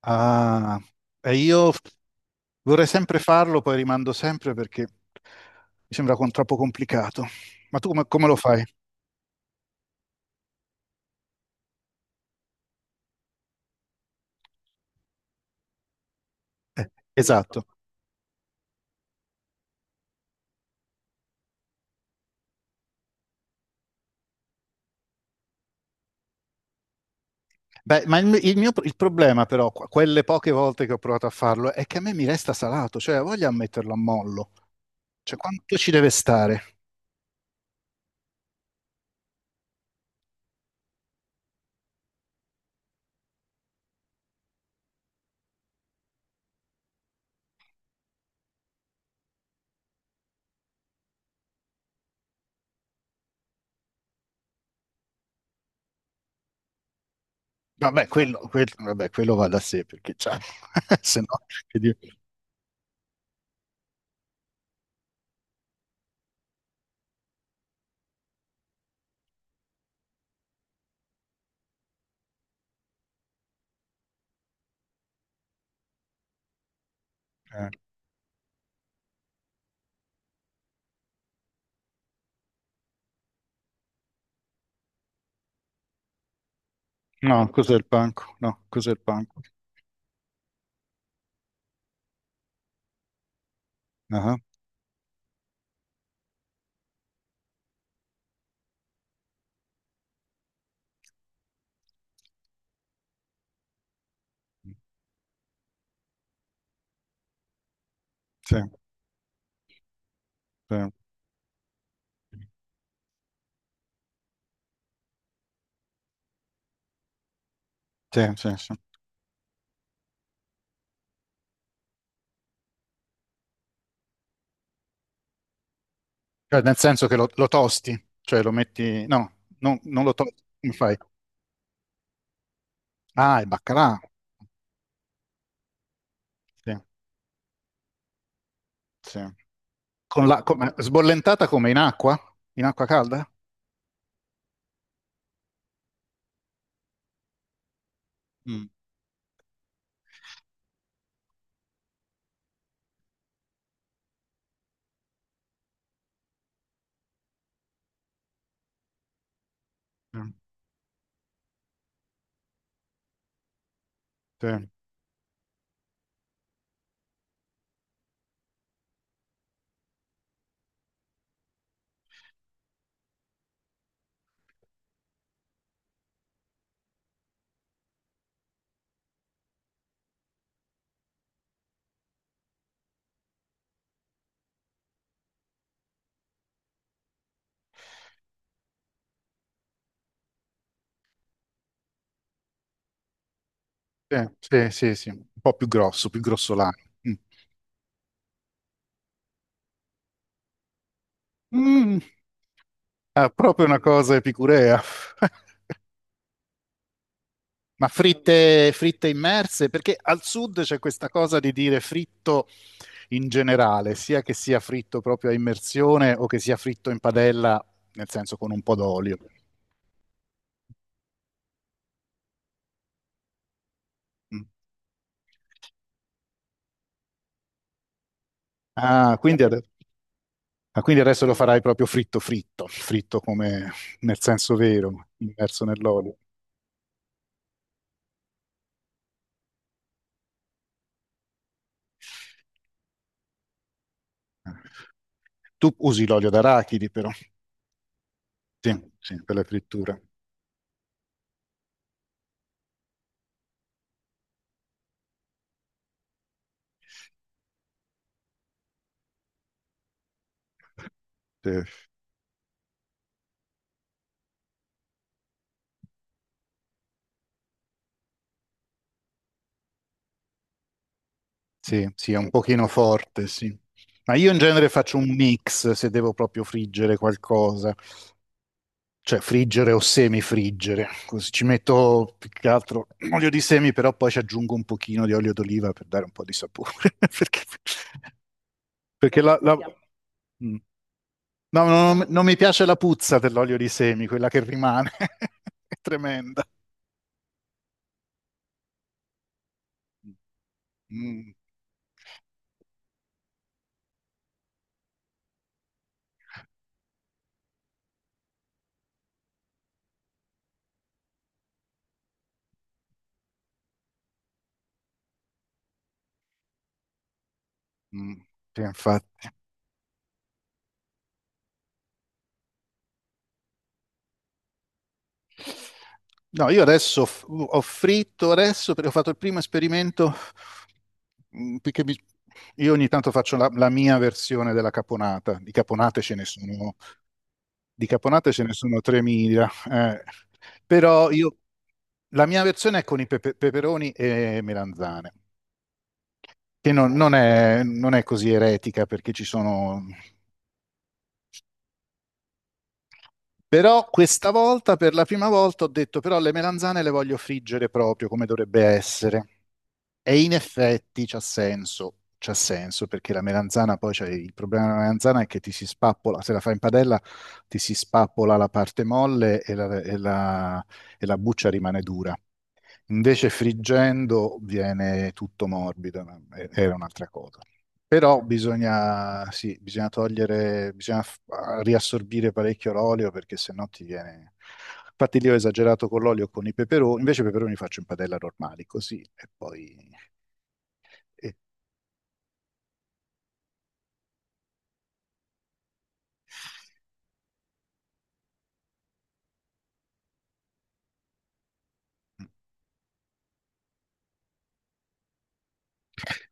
Ah, e io vorrei sempre farlo, poi rimando sempre perché mi sembra con troppo complicato. Ma tu come lo fai? Esatto. Beh, ma il mio il problema però, quelle poche volte che ho provato a farlo, è che a me mi resta salato, cioè ho voglia a metterlo a mollo. Cioè, quanto ci deve stare? Vabbè, quello va da sé, perché cioè, se no... che dire. Eh, No, cos'è il panco? No, cos'è il panco? Ah, sì, sì, sì, sì, sì. Cioè, nel senso che lo tosti, cioè lo metti... No, non lo tosti, come fai? Ah, il baccalà. Sì, sì. Con sbollentata come in acqua? In acqua calda? Mm. Sì, sì, sì, sì, sì. Un po' più grosso, più grossolano. Mm. Mm. Ah, proprio una cosa epicurea. Ma fritte immerse? Perché al sud c'è questa cosa di dire fritto in generale, sia che sia fritto proprio a immersione o che sia fritto in padella, nel senso con un po' d'olio. Mm. Ah, quindi, ade- ah, quindi adesso lo farai proprio fritto come nel senso vero, immerso nell'olio. Tu usi l'olio d'arachidi però, sì, sì, per la frittura. Sì, sì, sì, è un pochino forte, sì. Ma io in genere faccio un mix se devo proprio friggere qualcosa. Cioè friggere o semifriggere, così ci metto più che altro olio di semi, però poi ci aggiungo un pochino di olio d'oliva per dare un po' di sapore, perché, perché la, la- Mm. No, no, no, no, non mi piace la puzza dell'olio di semi, quella che rimane, è tremenda. Mm, mm, mm. Sì, infatti. No, io adesso ho fritto adesso perché ho fatto il primo esperimento mm, io ogni tanto faccio la mia versione della caponata. Di caponate ce ne sono 3.000, eh. Però io la mia versione è con i peperoni e melanzane, che non è, non è così eretica perché ci sono... Però questa volta, per la prima volta, ho detto però le melanzane le voglio friggere proprio come dovrebbe essere. E in effetti c'ha senso perché la melanzana poi c'è il problema della melanzana è che ti si spappola, se la fai in padella ti si spappola la parte molle e la e la buccia rimane dura. Invece friggendo viene tutto morbido, ma era un'altra cosa. Però bisogna, sì, bisogna togliere, bisogna f- riassorbire parecchio l'olio perché sennò ti viene... Infatti lì ho esagerato con l'olio e con i peperoni, invece i peperoni li faccio in padella normali, così e poi... Eh,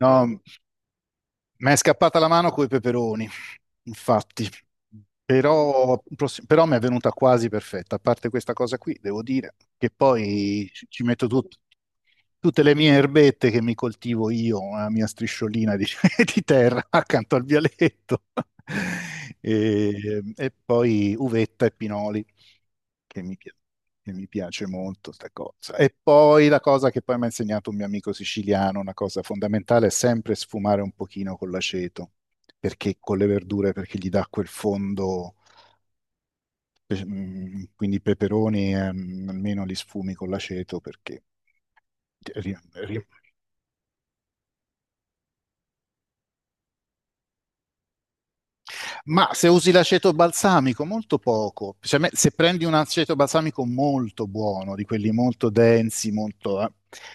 no, mi è scappata la mano coi peperoni, infatti, però, però mi è venuta quasi perfetta. A parte questa cosa qui, devo dire che poi ci metto tutte le mie erbette che mi coltivo io, la mia strisciolina di, di terra accanto al vialetto, e poi uvetta e pinoli. che mi, pi- che mi piace molto sta cosa. E poi la cosa che poi mi ha insegnato un mio amico siciliano, una cosa fondamentale, è sempre sfumare un pochino con l'aceto, perché con le verdure, perché gli dà quel fondo, pe- mm, quindi i peperoni, almeno li sfumi con l'aceto perché ri- ri- Ma se usi l'aceto balsamico, molto poco. Cioè, se prendi un aceto balsamico molto buono, di quelli molto densi, molto,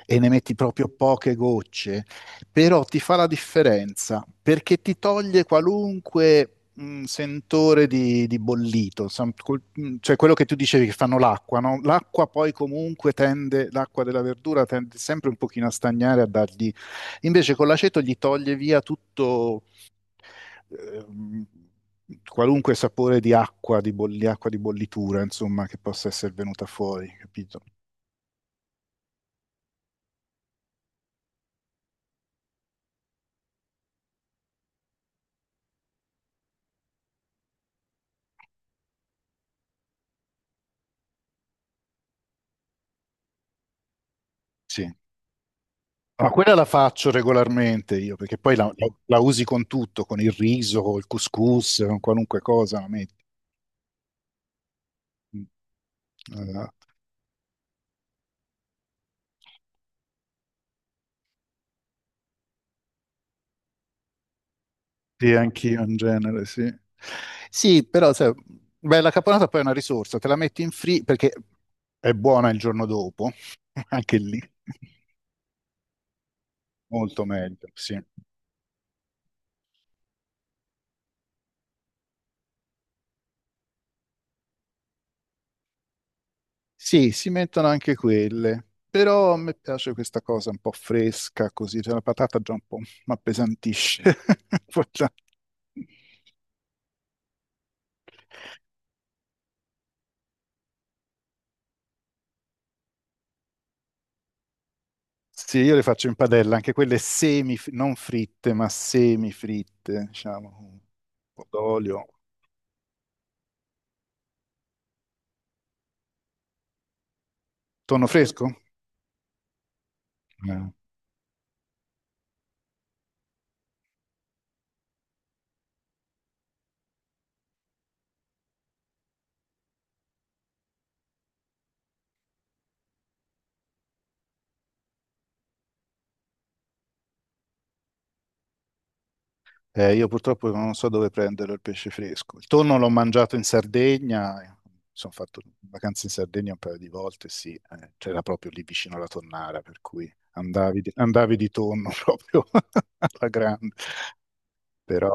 e ne metti proprio poche gocce, però ti fa la differenza perché ti toglie qualunque sentore di bollito, cioè quello che tu dicevi che fanno l'acqua, no? L'acqua poi comunque tende, l'acqua della verdura tende sempre un pochino a stagnare, a dargli... Invece con l'aceto gli toglie via tutto ehm, qualunque sapore di acqua, di acqua di bollitura, insomma, che possa essere venuta fuori, capito? Sì. Ma ah, quella la faccio regolarmente io, perché poi la usi con tutto, con il riso, col couscous, con qualunque cosa la metti. Mm. Eh, sì, anch'io in genere, sì. Sì, però, sai, beh, la caponata poi è una risorsa, te la metti in free perché è buona il giorno dopo, anche lì, molto meglio, sì. Sì, si mettono anche quelle, però a me piace questa cosa un po' fresca, così, cioè la patata già un po' mi appesantisce. Guarda. Sì, io le faccio in padella, anche quelle semi, non fritte, ma semifritte, diciamo, un po' d'olio. Tonno fresco? Eh. Io purtroppo non so dove prendere il pesce fresco. Il tonno l'ho mangiato in Sardegna, mi sono fatto vacanze in Sardegna un paio di volte, sì, c'era proprio lì vicino alla tonnara, per cui andavi di tonno proprio alla grande. Però...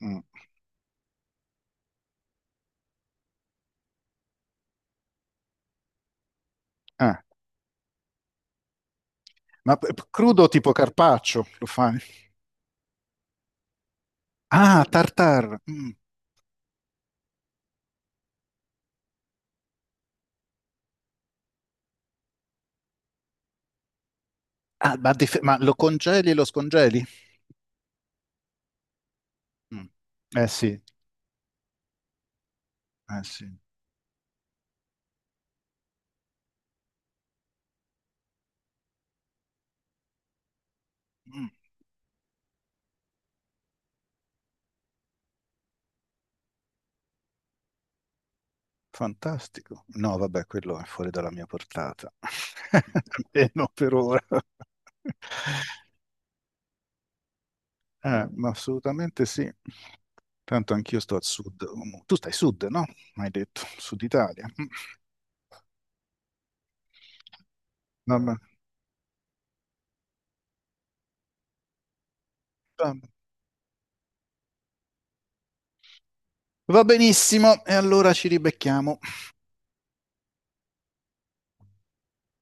mm, ah, crudo tipo carpaccio lo fai? Ah, tartar. Mm. Ah, ma, ma lo congeli e lo scongeli? Mm. Eh sì, eh sì. Mm. Fantastico. No, vabbè, quello è fuori dalla mia portata. Almeno per ora. Ma assolutamente sì. Tanto anch'io sto al sud. Tu stai sud, no? Hai detto, sud Italia. Mm. Vabbè. Va Va benissimo, e allora ci ribecchiamo.